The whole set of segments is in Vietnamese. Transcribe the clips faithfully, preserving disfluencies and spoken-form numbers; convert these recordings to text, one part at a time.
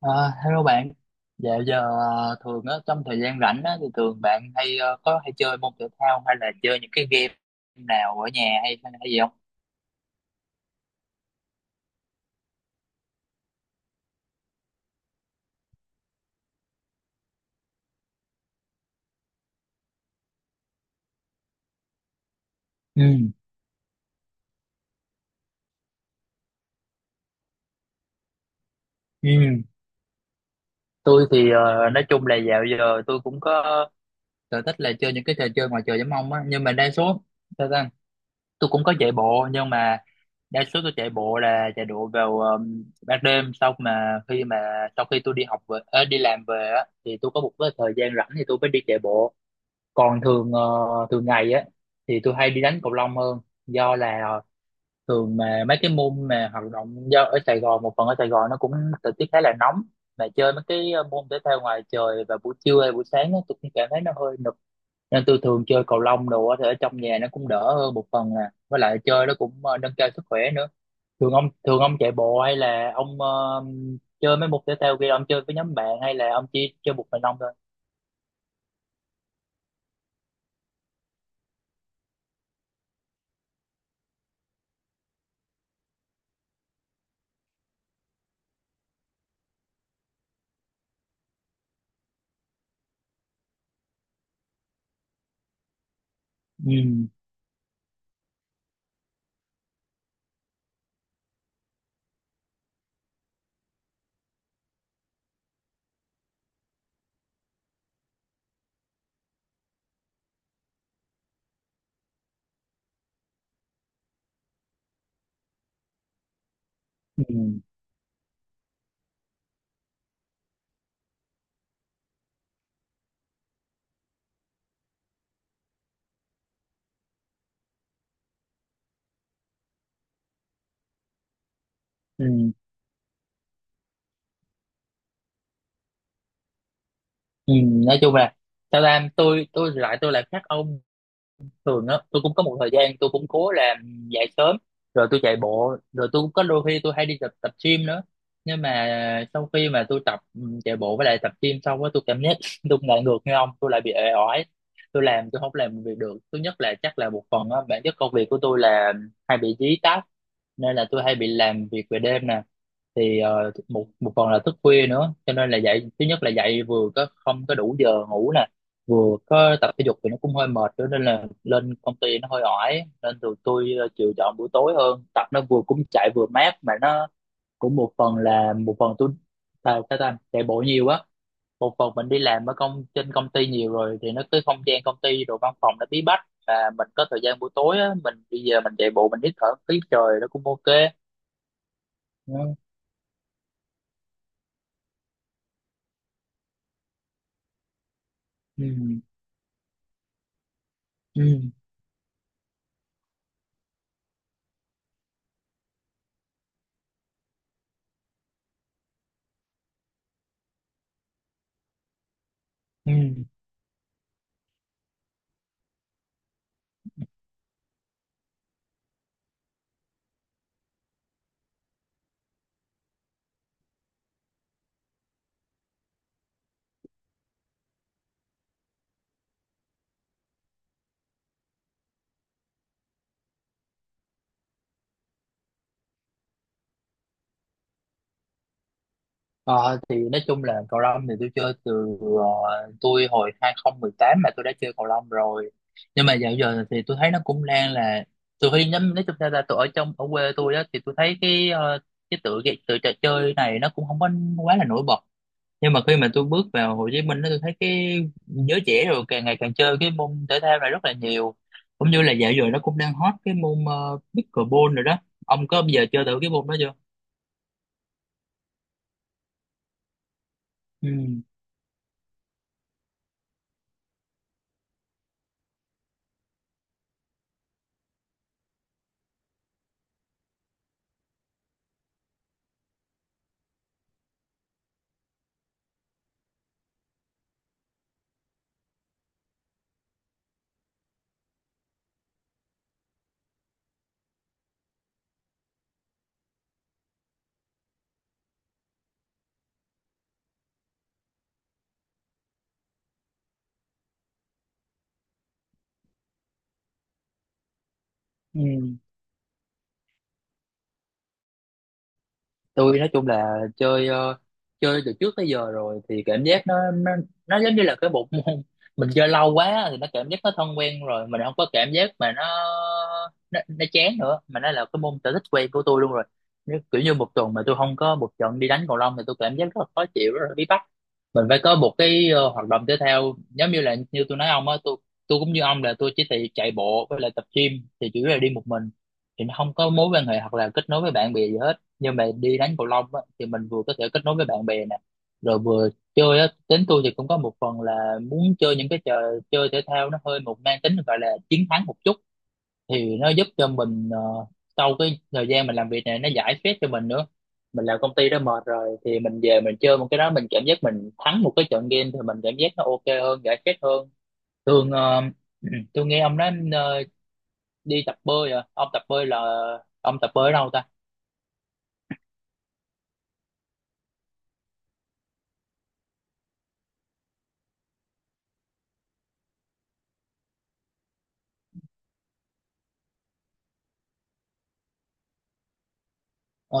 Ờ, Hello bạn, dạo giờ ờ, thường á, trong thời gian rảnh á, thì thường bạn hay ờ, có hay chơi môn thể thao hay là chơi những cái game nào ở nhà hay hay gì không? Ừ, ừ. Tôi thì ờ, nói chung là dạo giờ tôi cũng có sở thích là chơi những cái trò chơi ngoài trời giống ông á, nhưng mà đa số sao ta? Tôi cũng có chạy bộ nhưng mà đa số tôi chạy bộ là chạy bộ vào ờ, ban đêm, sau mà khi mà sau khi tôi đi học về, ờ, đi làm về á, thì tôi có một cái thời gian rảnh thì tôi mới đi chạy bộ. Còn thường ờ, thường ngày á thì tôi hay đi đánh cầu lông hơn, do là thường mà mấy cái môn mà hoạt động, do ở Sài Gòn, một phần ở Sài Gòn nó cũng thời tiết khá là nóng, mà chơi mấy cái ờ, môn thể thao ngoài trời vào buổi trưa hay buổi sáng á, tôi cũng cảm thấy nó hơi nực, nên tôi thường chơi cầu lông đồ á, thì ở trong nhà nó cũng đỡ hơn một phần à, với lại chơi nó cũng ờ, nâng cao sức khỏe nữa. Thường ông thường ông chạy bộ hay là ông ờ, chơi mấy môn thể thao kia, ông chơi với nhóm bạn hay là ông chỉ chơi một mình ông thôi? Ừ, ừ, ừ. Ừ, nói chung là sao ta, tôi tôi thì lại, tôi lại khác ông. Thường á tôi cũng có một thời gian tôi cũng cố làm dậy sớm rồi tôi chạy bộ, rồi tôi cũng có đôi khi tôi hay đi tập tập gym nữa, nhưng mà sau khi mà tôi tập ừ, chạy bộ với lại tập gym xong á, tôi cảm giác tôi lại ngược như ông, tôi lại bị ệ oải. Tôi làm, tôi không làm việc được. Thứ nhất là chắc là một phần á bản chất công việc của tôi là hay bị dí tát, nên là tôi hay bị làm việc về đêm nè, thì ờ, một một phần là thức khuya nữa, cho nên là dậy, thứ nhất là dậy vừa có không có đủ giờ ngủ nè, vừa có tập thể dục thì nó cũng hơi mệt nữa, nên là lên công ty nó hơi oải, nên tụi tôi ờ, chịu chọn buổi tối hơn, tập nó vừa cũng chạy vừa mát, mà nó cũng một phần là một phần tôi, sao sao ta, chạy bộ nhiều á, một phần mình đi làm ở công trên công ty nhiều rồi thì nó cái không gian công ty rồi văn phòng nó bí bách, và mình có thời gian buổi tối á mình đi về mình chạy bộ mình hít thở khí trời nó cũng ok. Ừ. Ừ. Ừ. Ừ. Ờ, thì nói chung là cầu lông thì tôi chơi từ ờ, tôi hồi hai không một tám mà tôi đã chơi cầu lông rồi, nhưng mà dạo giờ thì tôi thấy nó cũng đang là, từ khi nhắm nói chung ra là tôi ở trong, ở quê tôi á, thì tôi thấy cái ờ, cái tựa cái tựa trò chơi này nó cũng không có quá là nổi bật, nhưng mà khi mà tôi bước vào Hồ Chí Minh đó, tôi thấy cái giới trẻ rồi càng ngày càng chơi cái môn thể thao này rất là nhiều, cũng như là dạo giờ nó cũng đang hot cái môn ờ, pickleball rồi đó. Ông có bao giờ chơi thử cái môn đó chưa? Ừ. Ừ. Tôi nói chung là chơi ờ, chơi từ trước tới giờ rồi, thì cảm giác nó nó, nó giống như là cái bộ môn mình chơi lâu quá thì nó cảm giác nó thân quen rồi, mình không có cảm giác mà nó nó, nó chán nữa, mà nó là cái môn sở thích quen của tôi luôn rồi. Nếu kiểu như một tuần mà tôi không có một trận đi đánh cầu lông thì tôi cảm giác rất là khó chịu, rất là bí bách, mình phải có một cái ờ, hoạt động tiếp theo. Giống như là như tôi nói ông á, tôi tôi cũng như ông là tôi chỉ chạy chạy bộ với lại tập gym thì chủ yếu là đi một mình, thì nó không có mối quan hệ hoặc là kết nối với bạn bè gì hết, nhưng mà đi đánh cầu lông á, thì mình vừa có thể kết nối với bạn bè nè, rồi vừa chơi á, tính tôi thì cũng có một phần là muốn chơi những cái trò chơi thể thao nó hơi một mang tính gọi là chiến thắng một chút, thì nó giúp cho mình ờ, sau cái thời gian mình làm việc này nó giải stress cho mình nữa. Mình làm công ty đó mệt rồi thì mình về mình chơi một cái đó, mình cảm giác mình thắng một cái trận game thì mình cảm giác nó ok hơn, giải stress hơn. Thường ờ, tôi nghe ông nói ờ, đi tập bơi à, ông tập bơi là ông tập bơi ở đâu ta? Ờ,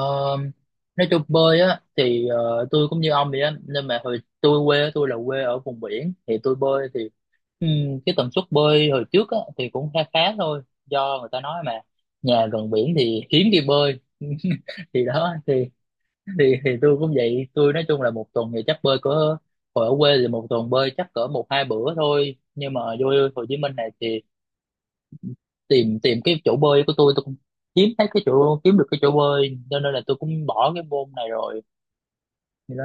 nói chung bơi á thì ờ, tôi cũng như ông vậy á, nhưng mà hồi tôi quê á, tôi là quê ở vùng biển thì tôi bơi thì ừm, cái tần suất bơi hồi trước á thì cũng khá khá thôi, do người ta nói mà nhà gần biển thì hiếm đi bơi thì đó, thì thì thì tôi cũng vậy. Tôi nói chung là một tuần thì chắc bơi cỡ, hồi ở quê thì một tuần bơi chắc cỡ một hai bữa thôi, nhưng mà vô Hồ Chí Minh này thì tìm tìm cái chỗ bơi của tôi tôi cũng kiếm thấy cái chỗ, kiếm được cái chỗ bơi, cho nên là tôi cũng bỏ cái môn này rồi, thì đó.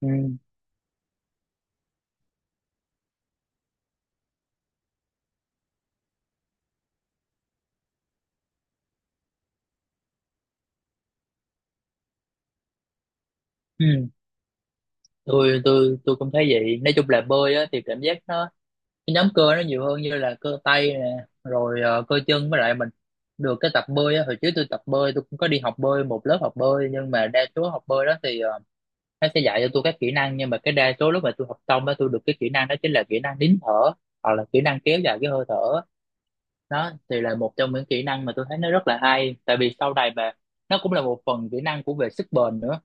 Ừ. Ừ. tôi tôi tôi cũng thấy vậy, nói chung là bơi á, thì cảm giác nó cái nhóm cơ nó nhiều hơn, như là cơ tay nè rồi ờ, cơ chân, với lại mình được cái tập bơi á, hồi trước tôi tập bơi tôi cũng có đi học bơi một lớp học bơi, nhưng mà đa số học bơi đó thì ờ, nó sẽ dạy cho tôi các kỹ năng, nhưng mà cái đa số lúc mà tôi học xong á, tôi được cái kỹ năng đó chính là kỹ năng nín thở hoặc là kỹ năng kéo dài cái hơi thở. Đó thì là một trong những kỹ năng mà tôi thấy nó rất là hay, tại vì sau này mà nó cũng là một phần kỹ năng của về sức bền nữa.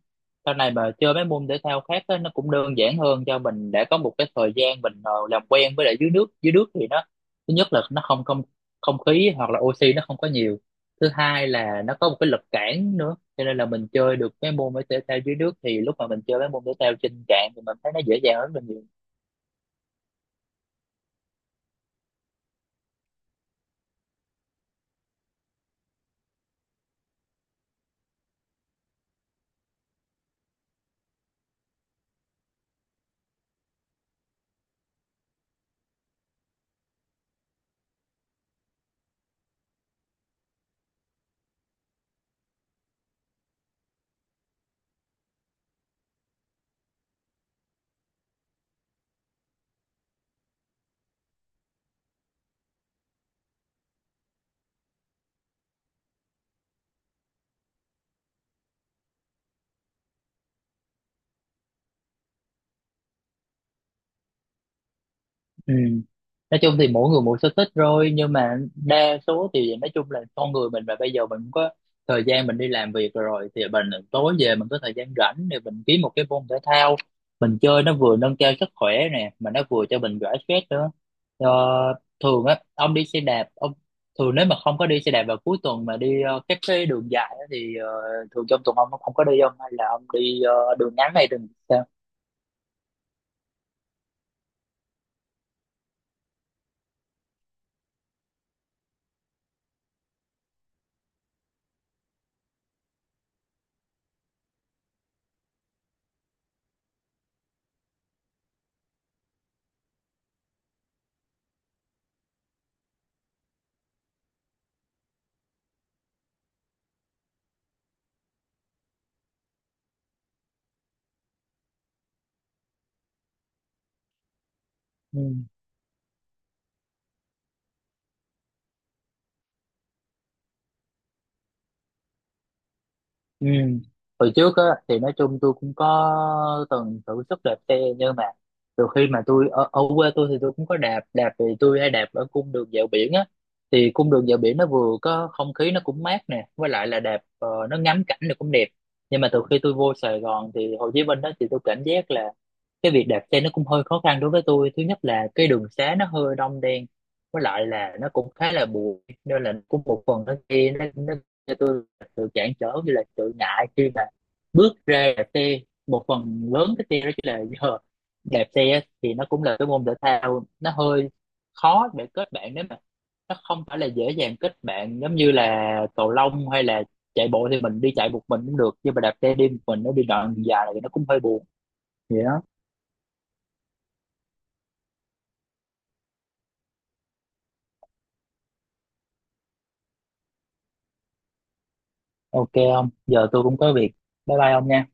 Sau này mà chơi mấy môn thể thao khác á, nó cũng đơn giản hơn cho mình để có một cái thời gian mình ờ, làm quen với lại dưới nước. Dưới nước thì nó, thứ nhất là nó không không không khí hoặc là oxy nó không có nhiều, thứ hai là nó có một cái lực cản nữa, cho nên là mình chơi được mấy môn thể thao dưới nước thì lúc mà mình chơi mấy môn thể thao trên cạn thì mình thấy nó dễ dàng hơn rất là nhiều. Ừ. Nói chung thì mỗi người một sở thích rồi, nhưng mà đa số thì nói chung là con người mình mà bây giờ mình cũng có thời gian mình đi làm việc rồi thì mình tối về mình có thời gian rảnh, thì mình kiếm một cái môn thể thao mình chơi, nó vừa nâng cao sức khỏe nè mà nó vừa cho mình giải stress nữa. Ờ, Thường á ông đi xe đạp, ông thường nếu mà không có đi xe đạp vào cuối tuần mà đi ờ, các cái đường dài á, thì ờ, thường trong tuần ông không có đi không, hay là ông đi ờ, đường ngắn hay đường sao? Ừ. Ừ. Hồi trước á, thì nói chung tôi cũng có từng thử sức đạp xe, nhưng mà từ khi mà tôi ở, ở quê tôi thì tôi cũng có đạp đạp thì tôi hay đạp ở cung đường dạo biển á, thì cung đường dạo biển nó vừa có không khí nó cũng mát nè, với lại là đạp ờ, nó ngắm cảnh nó cũng đẹp. Nhưng mà từ khi tôi vô Sài Gòn thì Hồ Chí Minh đó, thì tôi cảm giác là cái việc đạp xe nó cũng hơi khó khăn đối với tôi. Thứ nhất là cái đường xá nó hơi đông đen, với lại là nó cũng khá là bụi, nên là cũng một phần nó kia nó nó cho tôi là sự cản trở, như là sự ngại khi mà bước ra đạp xe. Một phần lớn cái xe đó chỉ là giờ đạp xe á, thì nó cũng là cái môn thể thao nó hơi khó để kết bạn, nếu mà nó không phải là dễ dàng kết bạn giống như là cầu lông, hay là chạy bộ thì mình đi chạy một mình cũng được, nhưng mà đạp xe đi một mình nó đi đoạn dài thì nó cũng hơi buồn, vậy đó. Ok, không, giờ tôi cũng có việc, bye bye ông nha.